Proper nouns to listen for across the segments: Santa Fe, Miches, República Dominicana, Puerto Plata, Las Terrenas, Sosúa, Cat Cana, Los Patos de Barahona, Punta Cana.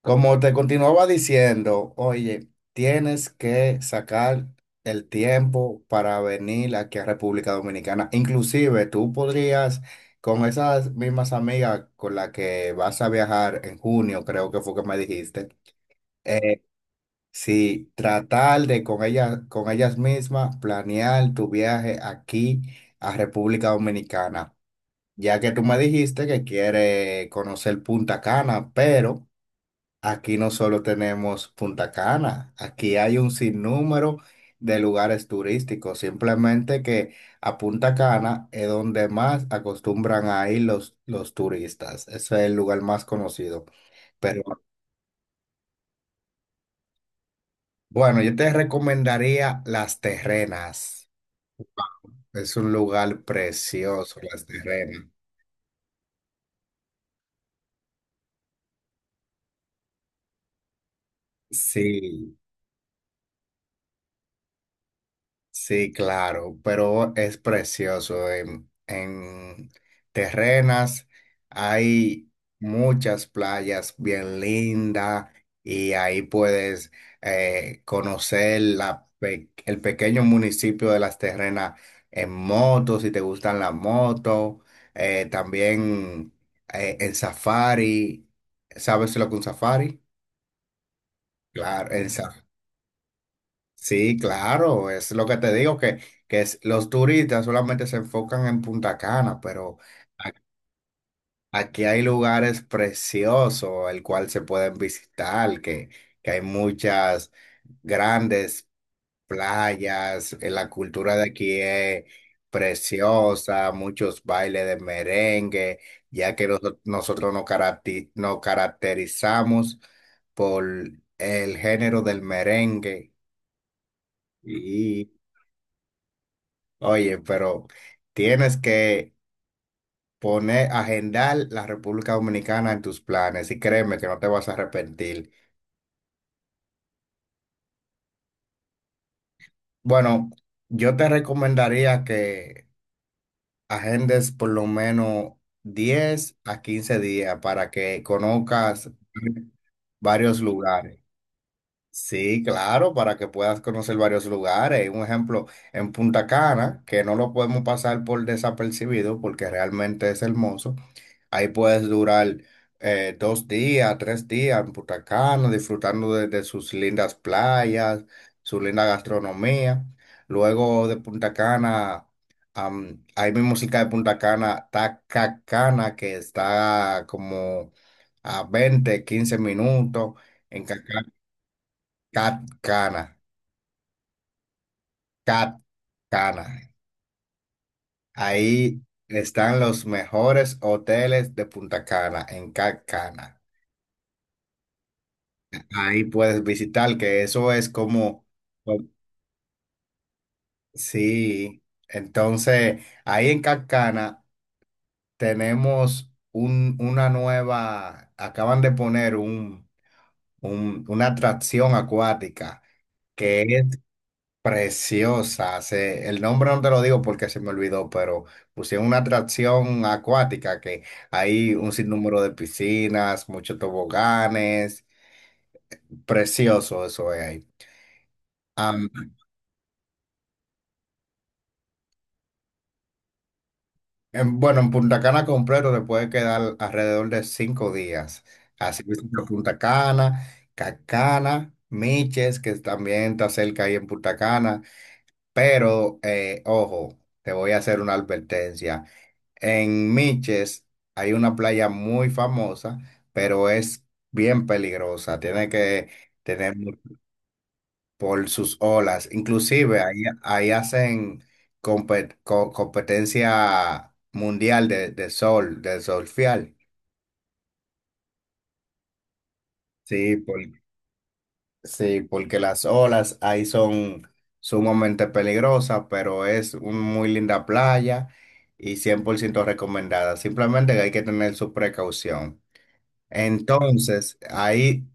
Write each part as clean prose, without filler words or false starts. Como te continuaba diciendo, oye, tienes que sacar el tiempo para venir aquí a República Dominicana. Inclusive tú podrías, con esas mismas amigas con las que vas a viajar en junio, creo que fue que me dijiste, eh, sí, tratar de con ellas mismas planear tu viaje aquí a República Dominicana. Ya que tú me dijiste que quieres conocer Punta Cana, pero. Aquí no solo tenemos Punta Cana, aquí hay un sinnúmero de lugares turísticos, simplemente que a Punta Cana es donde más acostumbran a ir los turistas. Ese es el lugar más conocido. Pero bueno, yo te recomendaría Las Terrenas, es un lugar precioso, Las Terrenas. Sí. Sí, claro, pero es precioso. En Terrenas hay muchas playas bien lindas y ahí puedes conocer el pequeño municipio de Las Terrenas en moto, si te gustan las motos, también en safari. ¿Sabes lo que es un safari? Claro, en Ujú. Sí, claro, es lo que te digo, los turistas solamente se enfocan en Punta Cana, pero aquí hay lugares preciosos, el cual se pueden visitar, que hay muchas grandes playas, la cultura de aquí es preciosa, muchos bailes de merengue, ya que nosotros nos caracterizamos por el género del merengue. Oye, pero tienes que poner, agendar la República Dominicana en tus planes y créeme que no te vas a arrepentir. Bueno, yo te recomendaría que agendes por lo menos 10 a 15 días para que conozcas varios lugares. Sí, claro, para que puedas conocer varios lugares. Un ejemplo, en Punta Cana, que no lo podemos pasar por desapercibido porque realmente es hermoso. Ahí puedes durar 2 días, 3 días en Punta Cana, disfrutando de sus lindas playas, su linda gastronomía. Luego de Punta Cana, ahí mismo cerca de Punta Cana, Tacacana, que está como a 20, 15 minutos. En Cacana Cat Cana, Cat Cana. Ahí están los mejores hoteles de Punta Cana, en Cat Cana. Ahí puedes visitar, que eso es como, como- sí. Entonces, ahí en Cat Cana tenemos un, una nueva, acaban de poner una atracción acuática, que es preciosa. El nombre no te lo digo porque se me olvidó, pero pusieron una atracción acuática que hay un sinnúmero de piscinas, muchos toboganes, precioso eso es ahí. Am, bueno, en Punta Cana completo te puede quedar alrededor de 5 días. Así que por Punta Cana, Cacana, Miches, que también está cerca ahí en Punta Cana, pero ojo, te voy a hacer una advertencia. En Miches hay una playa muy famosa, pero es bien peligrosa. Tiene que tener por sus olas. Inclusive ahí hacen competencia mundial de sol, de surfear. Sí, por- sí, porque las olas ahí son sumamente peligrosas, pero es una muy linda playa y 100% recomendada. Simplemente que hay que tener su precaución. Entonces, ahí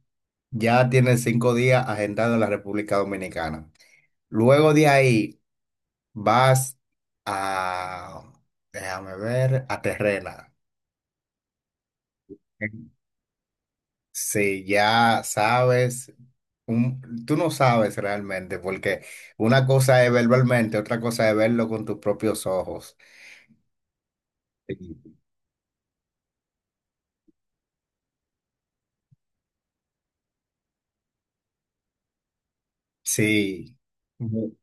ya tienes 5 días agendado en la República Dominicana. Luego de ahí vas a, déjame ver, a Terrena. Si ya sabes, tú no sabes realmente, porque una cosa es verbalmente, otra cosa es verlo con tus propios ojos. Sí. Sí.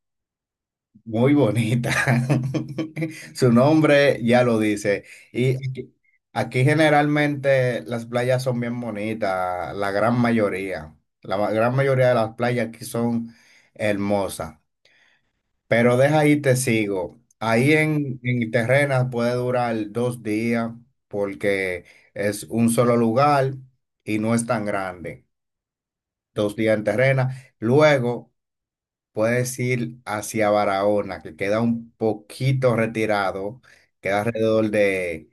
Muy bonita. Su nombre ya lo dice. Y aquí generalmente las playas son bien bonitas, la gran mayoría. La gran mayoría de las playas aquí son hermosas. Pero deja ahí te sigo. Ahí en Terrenas puede durar 2 días porque es un solo lugar y no es tan grande. 2 días en Terrenas. Luego. Puedes ir hacia Barahona, que queda un poquito retirado, queda alrededor de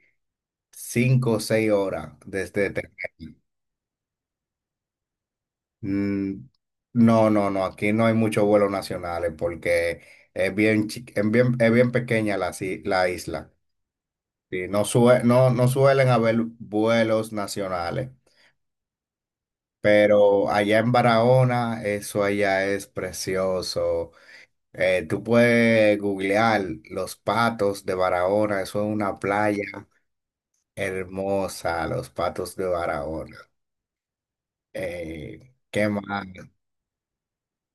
5 o 6 horas desde Tequil. Mm, no, no, no, aquí no hay muchos vuelos nacionales porque es bien, chi- es bien pequeña la isla. Sí, no, no suelen haber vuelos nacionales, pero allá en Barahona, eso allá es precioso. Tú puedes googlear Los Patos de Barahona, eso es una playa hermosa, Los Patos de Barahona. ¿Qué más?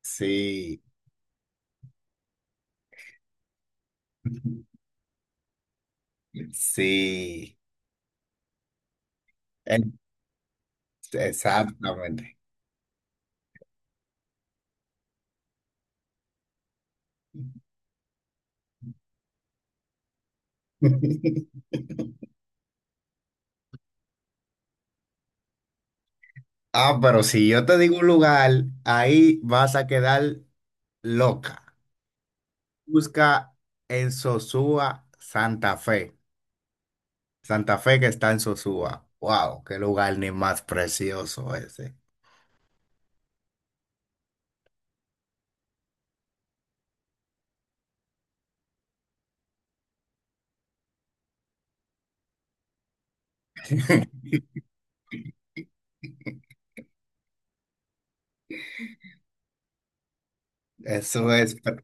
Sí, sí, e- exactamente. Ah, pero si yo te digo un lugar, ahí vas a quedar loca. Busca en Sosúa, Santa Fe. Santa Fe que está en Sosúa. Wow, qué lugar ni más precioso ese. Eso es per-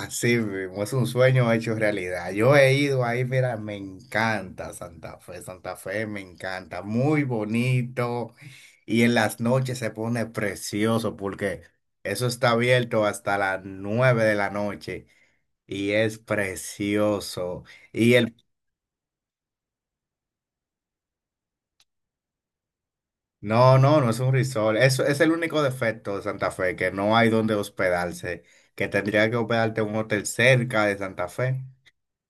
así mismo, es un sueño hecho realidad. Yo he ido ahí, mira, me encanta Santa Fe, Santa Fe me encanta, muy bonito y en las noches se pone precioso porque eso está abierto hasta las 9 de la noche y es precioso. Y el, no, no, no es un resort, eso es el único defecto de Santa Fe, que no hay donde hospedarse, que tendría que hospedarte en un hotel cerca de Santa Fe.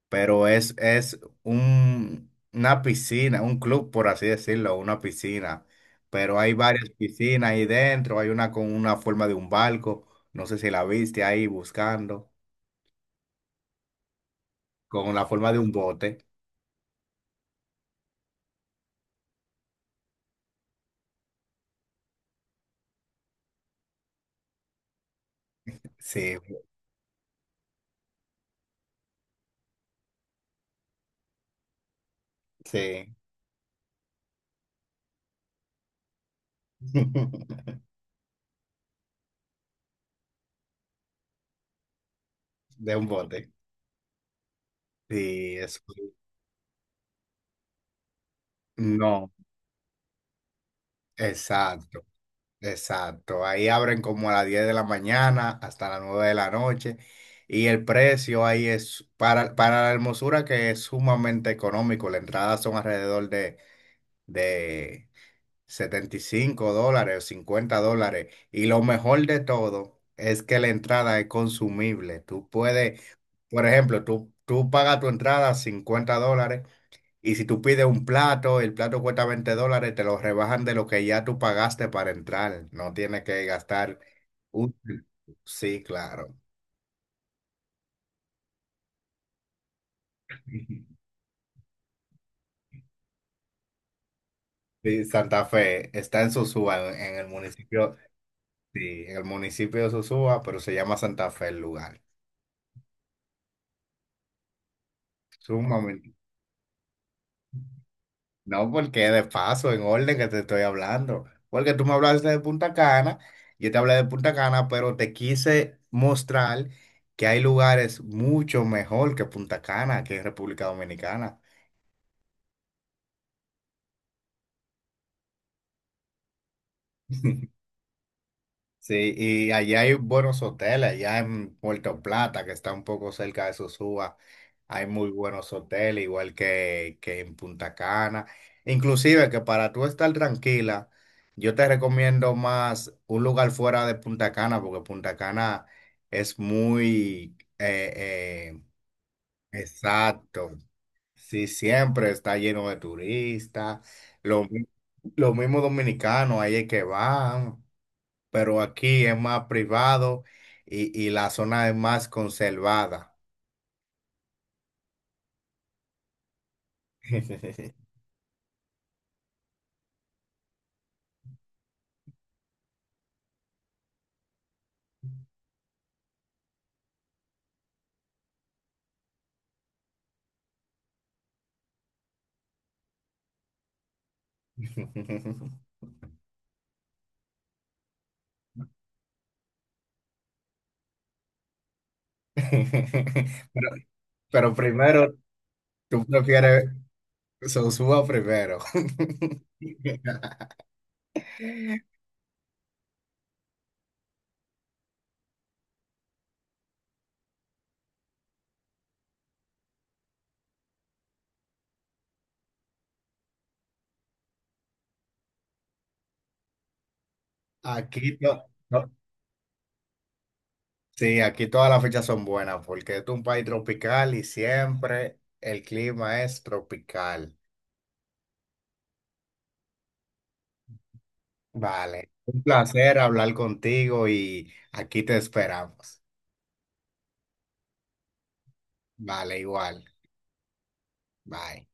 Pero es un, una piscina, un club, por así decirlo, una piscina. Pero hay varias piscinas ahí dentro, hay una con una forma de un barco, no sé si la viste ahí buscando, con la forma de un bote. Sí, sí, de un bote. Sí, eso. No, exacto. Exacto, ahí abren como a las 10 de la mañana hasta las 9 de la noche y el precio ahí es para la hermosura que es sumamente económico, la entrada son alrededor de $75 o $50 y lo mejor de todo es que la entrada es consumible, tú puedes, por ejemplo, tú pagas tu entrada $50 y si tú pides un plato, el plato cuesta $20, te lo rebajan de lo que ya tú pagaste para entrar. No tienes que gastar un... Sí, claro. Sí, Santa Fe está en Sosúa, en el municipio, sí, en el municipio de Sosúa, pero se llama Santa Fe el lugar. Sumamente No, porque de paso, en orden que te estoy hablando. Porque tú me hablaste de Punta Cana, yo te hablé de Punta Cana, pero te quise mostrar que hay lugares mucho mejor que Punta Cana, que en República Dominicana. Sí, y allá hay buenos hoteles, allá en Puerto Plata, que está un poco cerca de Sosúa, hay muy buenos hoteles, igual que en Punta Cana. Inclusive que para tú estar tranquila, yo te recomiendo más un lugar fuera de Punta Cana, porque Punta Cana es muy eh, exacto. Sí, siempre está lleno de turistas, lo, mi- lo mismo dominicanos, ahí es que van pero aquí es más privado y la zona es más conservada. Pero, pero primero, tú prefieres Sosúa primero. Aquí, to- to- sí, aquí todas las fechas son buenas porque es un país tropical y siempre el clima es tropical. Vale, un placer hablar contigo y aquí te esperamos. Vale, igual. Bye.